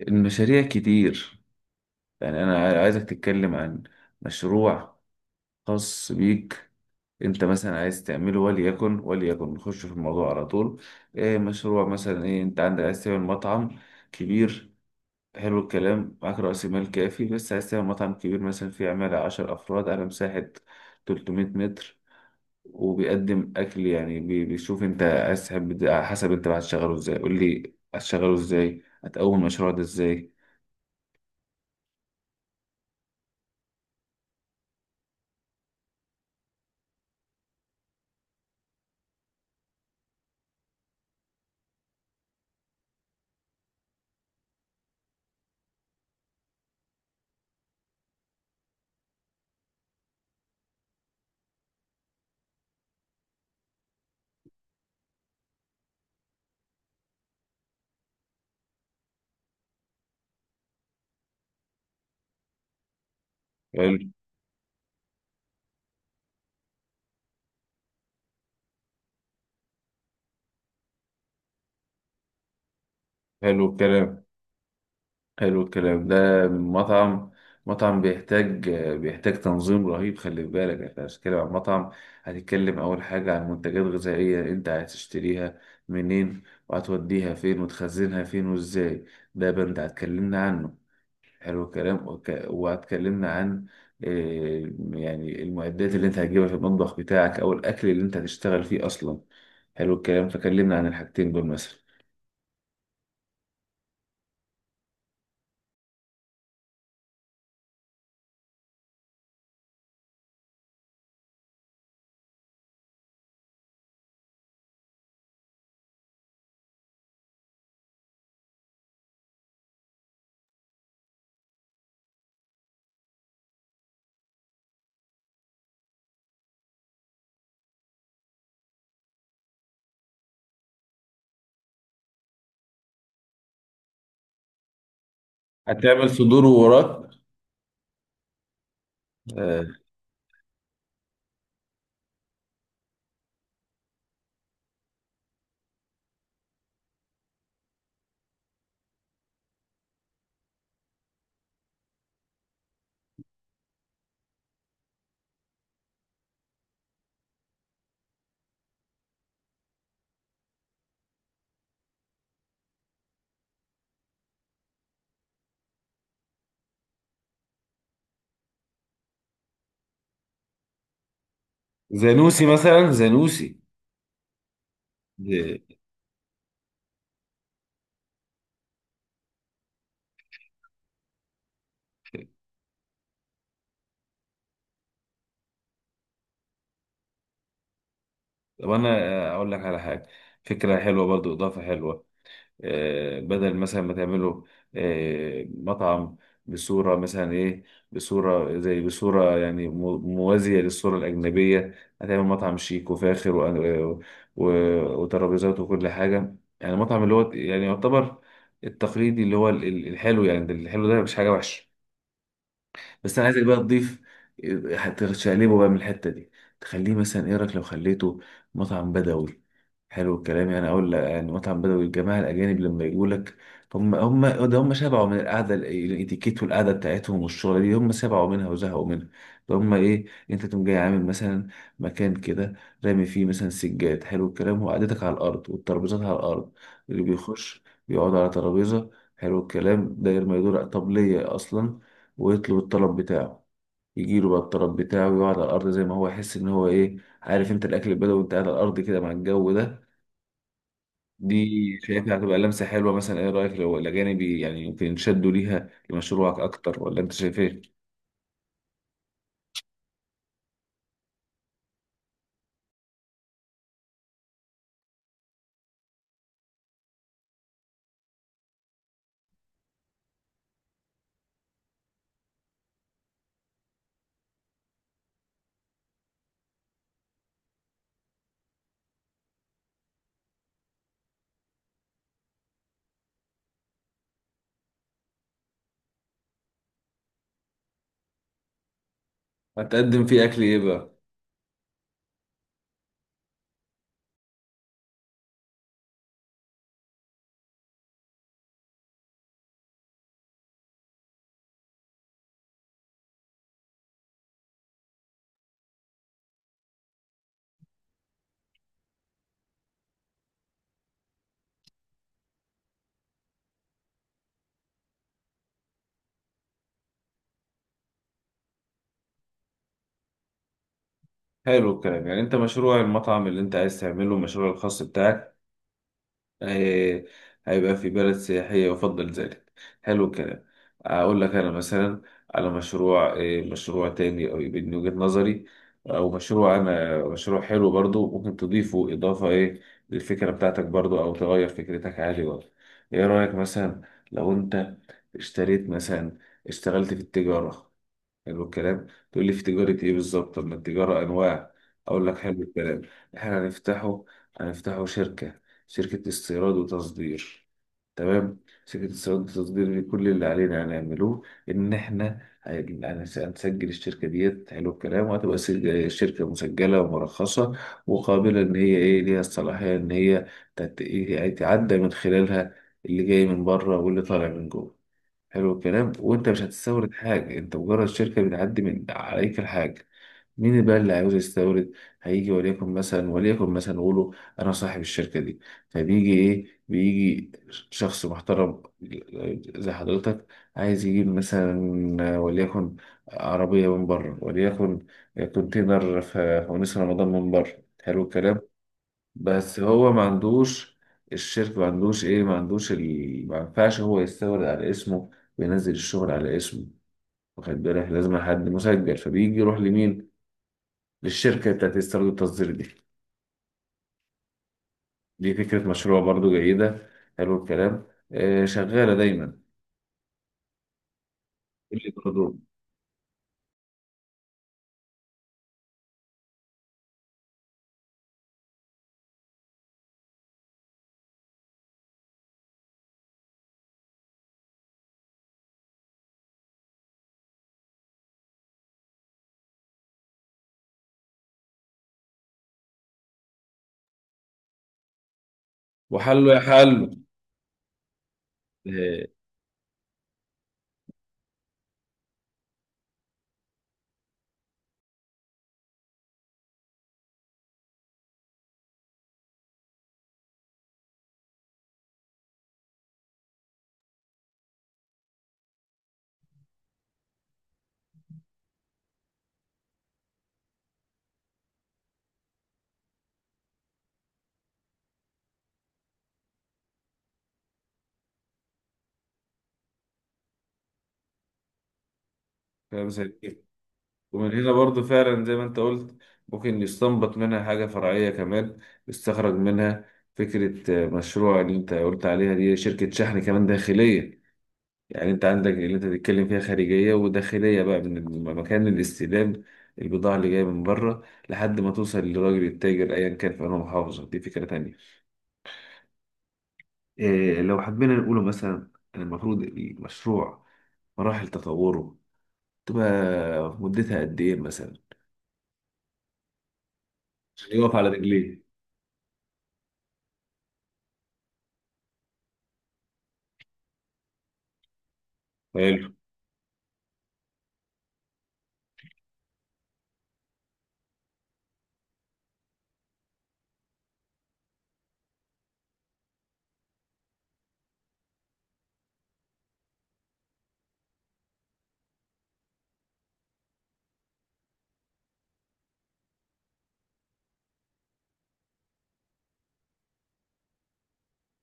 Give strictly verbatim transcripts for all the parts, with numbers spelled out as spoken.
المشاريع كتير. يعني انا عاي- عايزك تتكلم عن مشروع خاص بيك. انت مثلا عايز تعمله، وليكن وليكن نخش في الموضوع على طول. ايه مشروع مثلا؟ ايه انت عندك؟ عايز تعمل مطعم كبير؟ حلو الكلام. معاك رأس مال كافي، بس عايز تعمل مطعم كبير مثلا فيه عمالة عشر أفراد على مساحة 300 متر وبيقدم أكل. يعني بي- بيشوف أنت عايز تحب ده على حسب أنت بقى هتشغله إزاي. قول لي هتشغله إزاي، هتقوم المشروع ده إزاي؟ حلو حلو الكلام. حلو الكلام ده. مطعم مطعم بيحتاج بيحتاج تنظيم رهيب. خلي بالك انت هتتكلم عن مطعم. هتتكلم اول حاجة عن منتجات غذائية انت عايز تشتريها منين، وهتوديها فين، وتخزنها فين وازاي. ده بند هتكلمنا عنه. حلو الكلام. وك- وهتكلمنا عن آه، يعني المعدات اللي انت هتجيبها في المطبخ بتاعك، او الاكل اللي انت هتشتغل فيه اصلا. حلو الكلام، فكلمنا عن الحاجتين دول مثلا. هتعمل صدور ووراك. آه، زانوسي مثلا، زانوسي. دي- طب انا اقول لك على حاجه. فكره حلوه، برضو اضافه حلوه. آه، بدل مثلا ما تعمله آه، مطعم بصوره مثلا ايه، بصوره زي بصوره، يعني مو- موازيه للصوره الاجنبيه. هتعمل مطعم شيك وفاخر وأن- و- وترابيزات وكل حاجه، يعني مطعم اللي هو يعني يعتبر التقليدي، اللي هو ال- ال- الحلو، يعني ده الحلو ده مش حاجه وحشه. بس انا عايزك بقى تضيف. هتشقلبه بقى من الحته دي، تخليه مثلا. ايه رايك لو خليته مطعم بدوي؟ حلو الكلام. يعني اقول لك، يعني مطعم بدوي، الجماعه الاجانب لما يجوا لك، هم هم ده، هم شبعوا من القعده ال- الاتيكيت والقعده بتاعتهم والشغله دي، هم شبعوا منها وزهقوا منها. فهم ايه؟ انت تقوم جاي عامل مثلا مكان كده، رامي فيه مثلا سجاد، حلو الكلام، وقعدتك على الارض والترابيزات على الارض. اللي بيخش بيقعد على ترابيزه، حلو الكلام، داير ما يدور. طب ليه اصلا؟ ويطلب الطلب بتاعه، يجيله بقى الطلب بتاعه، ويقعد على الأرض زي ما هو، يحس إن هو إيه، عارف أنت، الأكل البدوي وأنت قاعد على الأرض كده مع الجو ده. دي شايفها هتبقى لمسة حلوة. مثلا إيه رأيك لو الأجانب يعني يمكن ينشدوا ليها لمشروعك أكتر، ولا أنت شايف إيه؟ هتقدم فيه أكل إيه بقى؟ حلو الكلام. يعني أنت مشروع المطعم اللي أنت عايز تعمله، المشروع الخاص بتاعك، هي- هيبقى في بلد سياحية، يفضل ذلك. حلو الكلام. أقول لك أنا مثلا على مشروع، إيه، مشروع تاني، أو يبقى من وجهة نظري، أو مشروع، أنا مشروع حلو برضو ممكن تضيفه إضافة إيه للفكرة بتاعتك برضو، أو تغير فكرتك عادي برضو. إيه رأيك مثلا لو أنت اشتريت مثلا اشتغلت في التجارة؟ حلو الكلام. تقول لي في تجارة ايه بالظبط؟ طب ما التجارة انواع. اقول لك. حلو الكلام. احنا هنفتحه هنفتحه شركة شركة استيراد وتصدير. تمام. شركة استيراد وتصدير دي، كل اللي علينا هنعملوه ان احنا هن- هنسجل الشركة ديت، حلو الكلام، وهتبقى سج- شركة مسجلة ومرخصة، وقابلة، ان هي ايه، ليها الصلاحية ان هي تت- إيه، يعني تعدى من خلالها اللي جاي من بره واللي طالع من جوه. حلو الكلام. وانت مش هتستورد حاجة، انت مجرد شركة بتعدي من عليك الحاجة. مين بقى اللي عاوز يستورد؟ هيجي، وليكن مثلا وليكن مثلا نقوله انا صاحب الشركة دي. فبيجي ايه، بيجي شخص محترم زي حضرتك، عايز يجيب مثلا وليكن عربية من بره، وليكن كونتينر في في ونيس رمضان من بره، حلو الكلام. بس هو ما عندوش الشركة، ما عندوش ايه، ما عندوش ال... ما ينفعش هو يستورد على اسمه وينزل الشغل على اسمه، واخد بالك؟ لازم حد مسجل. فبيجي يروح لمين؟ للشركة بتاعت استيراد التصدير دي. دي فكرة مشروع برضو جيدة. حلو الكلام. آه شغالة دايما، اللي برضو وحله يا حله. آه، فاهم. ومن هنا برضو فعلا، زي ما انت قلت، ممكن يستنبط منها حاجة فرعية كمان، يستخرج منها فكرة، آه، مشروع اللي انت قلت عليها دي، شركة شحن كمان داخلية. يعني انت عندك اللي انت بتتكلم فيها خارجية وداخلية، بقى من الم- مكان الاستلام البضاعة اللي جاية من بره، لحد ما توصل للراجل التاجر ايا كان في انهي محافظة. دي فكرة تانية. إيه لو حبينا نقوله مثلا إن المفروض المشروع، مراحل تطوره تبقى مدتها قد ايه مثلا، عشان يقف على رجليه؟ حلو.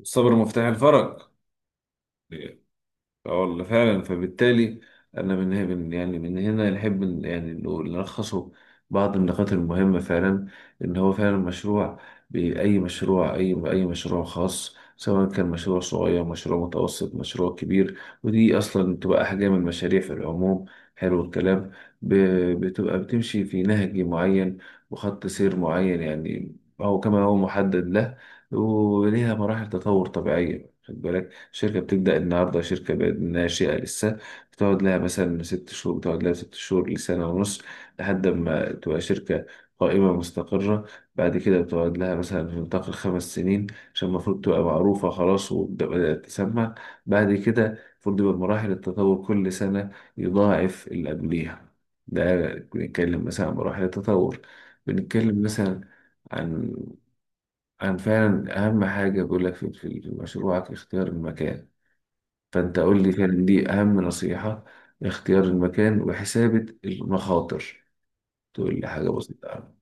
الصبر مفتاح الفرج. اه والله فعلا. فبالتالي انا من هنا من- يعني من هنا نحب ن- يعني نقول- نلخصه بعض النقاط المهمة فعلا. ان هو فعلا مشروع، بأي مشروع، اي اي مشروع خاص، سواء كان مشروع صغير، مشروع متوسط، مشروع كبير، ودي اصلا بتبقى احجام المشاريع في العموم. حلو الكلام. ب- بتبقى بتمشي في نهج معين وخط سير معين، يعني هو كما هو محدد له، وليها مراحل تطور طبيعية. خد بالك، شركة بتبدأ النهاردة، شركة بقت ناشئة لسه، بتقعد لها مثلا ست شهور، بتقعد لها ست شهور لسنة ونص لحد ما تبقى شركة قائمة مستقرة. بعد كده بتقعد لها مثلا في نطاق الخمس سنين، عشان المفروض تبقى معروفة خلاص وبدأت تسمع. بعد كده المفروض يبقى مراحل التطور كل سنة يضاعف اللي قبليها. ده بنتكلم مثلا عن مراحل التطور. بنتكلم مثلا عن عن فعلا أهم حاجة بقول لك، في في- في مشروعك اختيار المكان. فأنت قول لي فعلا، دي أهم نصيحة، اختيار المكان وحسابة المخاطر. تقول لي حاجة بسيطة أوي.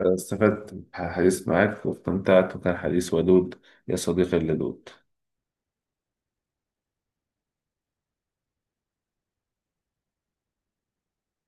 أنا استفدت من الحديث معاك واستمتعت، وكان حديث ودود، يا صديقي اللدود.